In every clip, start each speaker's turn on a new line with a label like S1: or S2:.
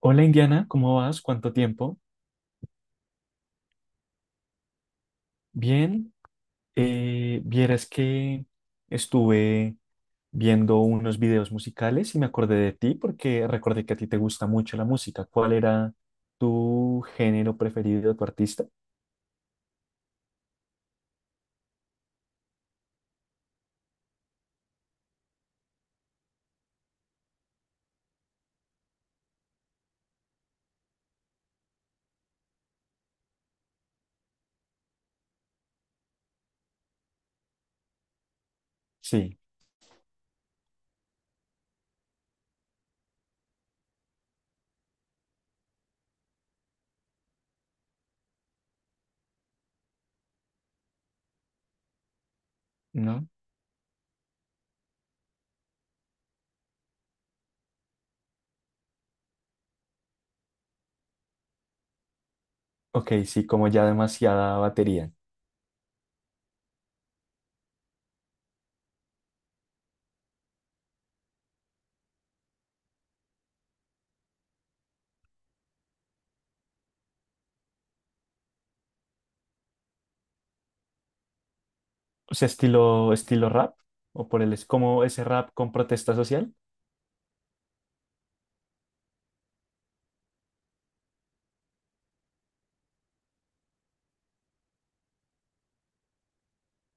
S1: Hola Indiana, ¿cómo vas? ¿Cuánto tiempo? Bien, vieras que estuve viendo unos videos musicales y me acordé de ti porque recordé que a ti te gusta mucho la música. ¿Cuál era tu género preferido, tu artista? Sí, ¿no? Ok, sí, como ya demasiada batería. O sea, estilo rap es como ese rap con protesta social.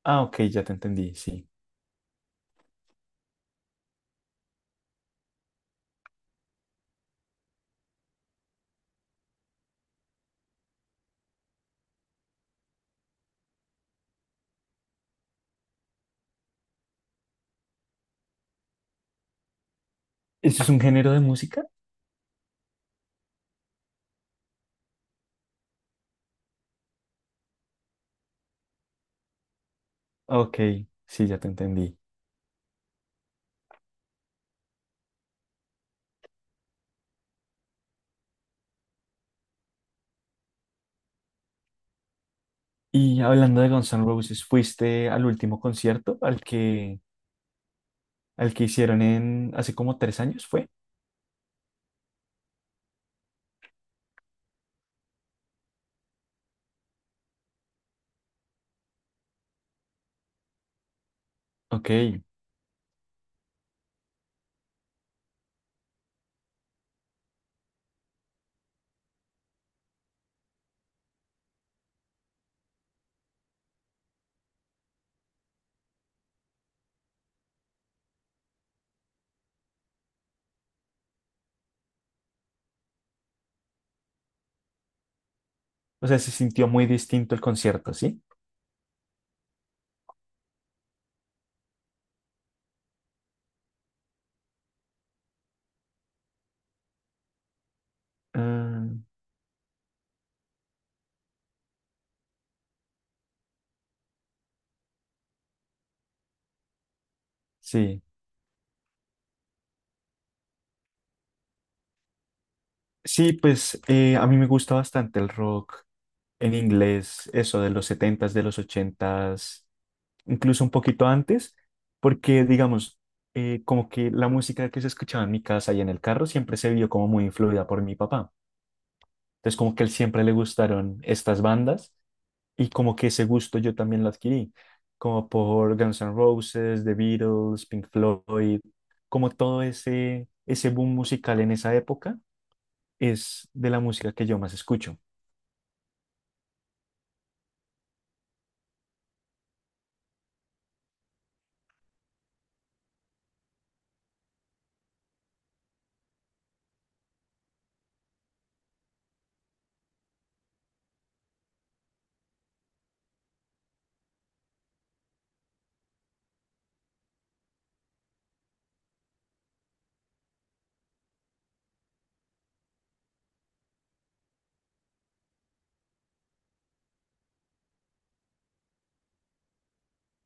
S1: Ah, ok, ya te entendí, sí. ¿Eso es un género de música? Ok, sí, ya te entendí. Y hablando de Guns N' Roses, ¿fuiste al último concierto al que hicieron en hace como 3 años, fue? Ok. O sea, se sintió muy distinto el concierto, ¿sí? Ah, sí. Sí, pues a mí me gusta bastante el rock en inglés, eso de los setentas, de los ochentas, incluso un poquito antes, porque digamos, como que la música que se escuchaba en mi casa y en el carro siempre se vio como muy influida por mi papá. Entonces, como que a él siempre le gustaron estas bandas. Y como que ese gusto yo también lo adquirí, como por Guns N' Roses, The Beatles, Pink Floyd, como todo ese boom musical en esa época es de la música que yo más escucho.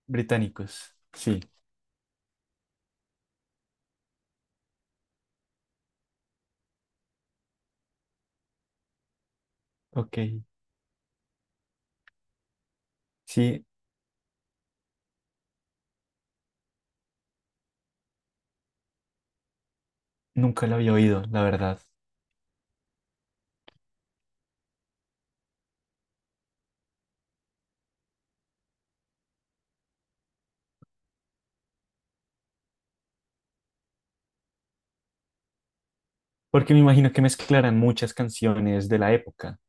S1: Británicos, sí, ok, sí, nunca lo había oído, la verdad, porque me imagino que mezclaran muchas canciones de la época,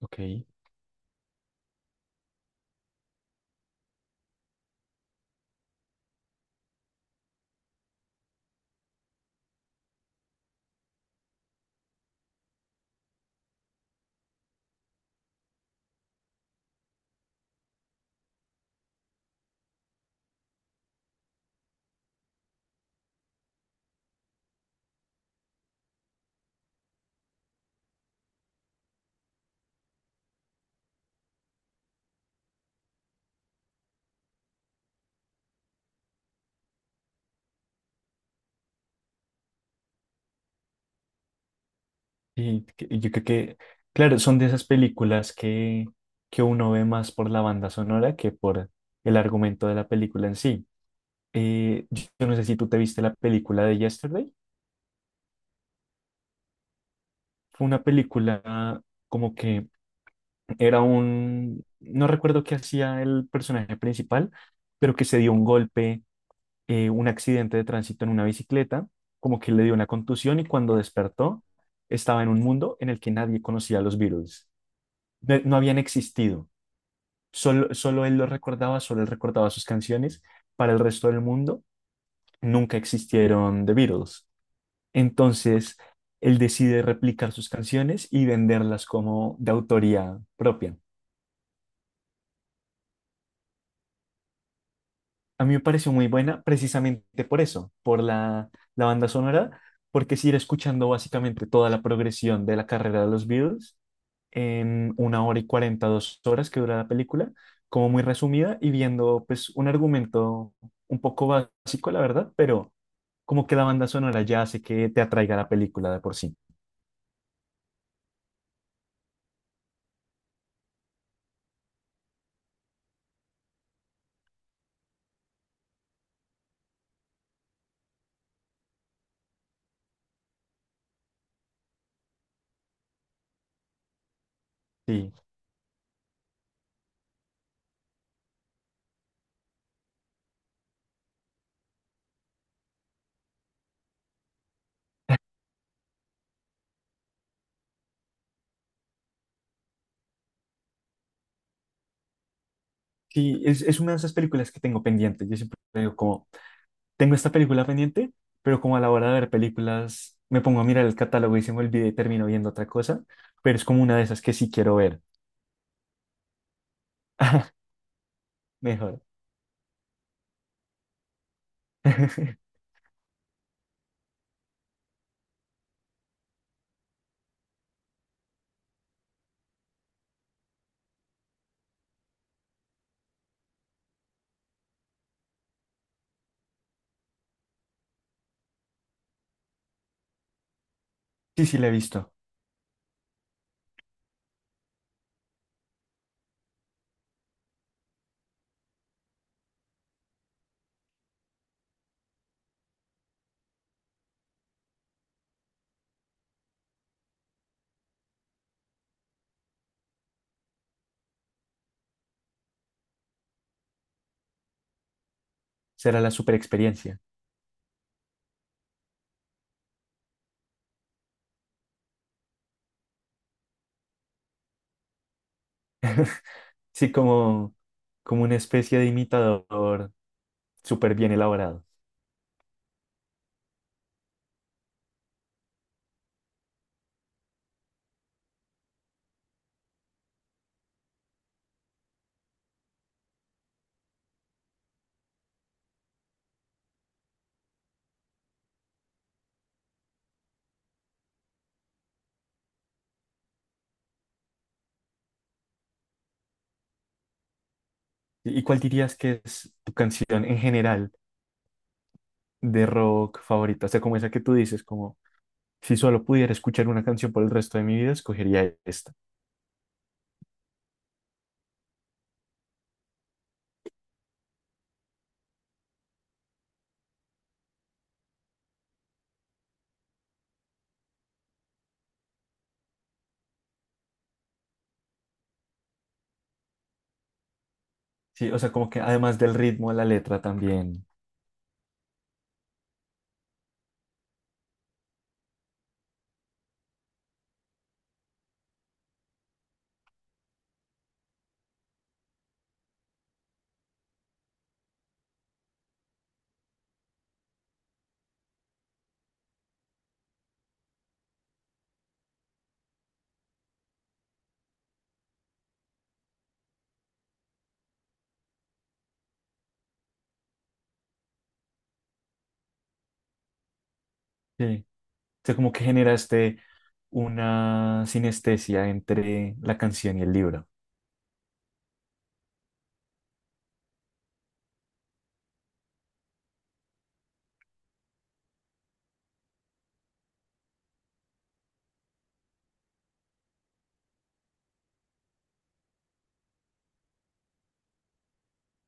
S1: ok, y yo creo que, claro, son de esas películas que uno ve más por la banda sonora que por el argumento de la película en sí. Yo no sé si tú te viste la película de Yesterday. Fue una película como que era un, no recuerdo qué hacía el personaje principal, pero que se dio un golpe, un accidente de tránsito en una bicicleta, como que le dio una contusión y cuando despertó estaba en un mundo en el que nadie conocía a los Beatles. No, no habían existido. Solo él lo recordaba, solo él recordaba sus canciones. Para el resto del mundo nunca existieron The Beatles. Entonces, él decide replicar sus canciones y venderlas como de autoría propia. A mí me pareció muy buena precisamente por eso, por la banda sonora, porque es ir escuchando básicamente toda la progresión de la carrera de los Beatles en una hora y 40, 2 horas que dura la película, como muy resumida y viendo pues un argumento un poco básico, la verdad, pero como que la banda sonora ya hace que te atraiga la película de por sí. Sí. Sí, es una de esas películas que tengo pendiente. Yo siempre digo como, tengo esta película pendiente, pero como a la hora de ver películas me pongo a mirar el catálogo y se me olvida y termino viendo otra cosa, pero es como una de esas que sí quiero ver, mejor. Sí, sí, la he visto. Será la super experiencia. Sí, como una especie de imitador súper bien elaborado. y cuál dirías que es tu canción en general de rock favorita? O sea, como esa que tú dices, como si solo pudiera escuchar una canción por el resto de mi vida, escogería esta. Sí, o sea, como que además del ritmo de la letra también. Sí. O sea, como que generaste una sinestesia entre la canción y el libro.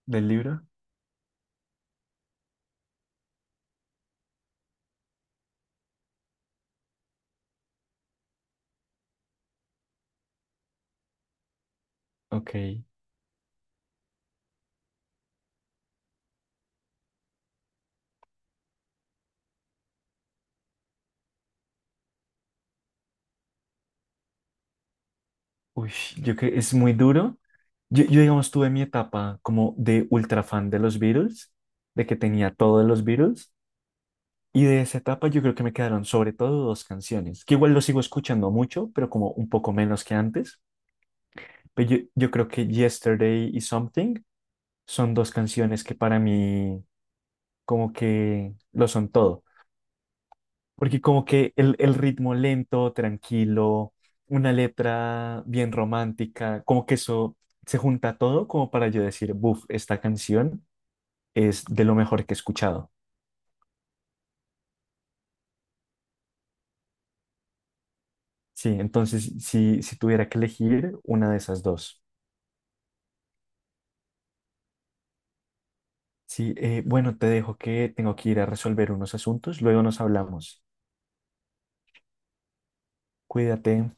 S1: ¿Del libro? Ok. Uy, yo creo que es muy duro. Yo, digamos, tuve mi etapa como de ultra fan de los Beatles, de que tenía todo de los Beatles. Y de esa etapa yo creo que me quedaron sobre todo dos canciones, que igual lo sigo escuchando mucho, pero como un poco menos que antes. Pero yo creo que Yesterday y Something son dos canciones que para mí como que lo son todo. Porque como que el ritmo lento, tranquilo, una letra bien romántica, como que eso se junta todo como para yo decir, buf, esta canción es de lo mejor que he escuchado. Sí, entonces si tuviera que elegir una de esas dos. Sí, bueno, te dejo que tengo que ir a resolver unos asuntos, luego nos hablamos. Cuídate.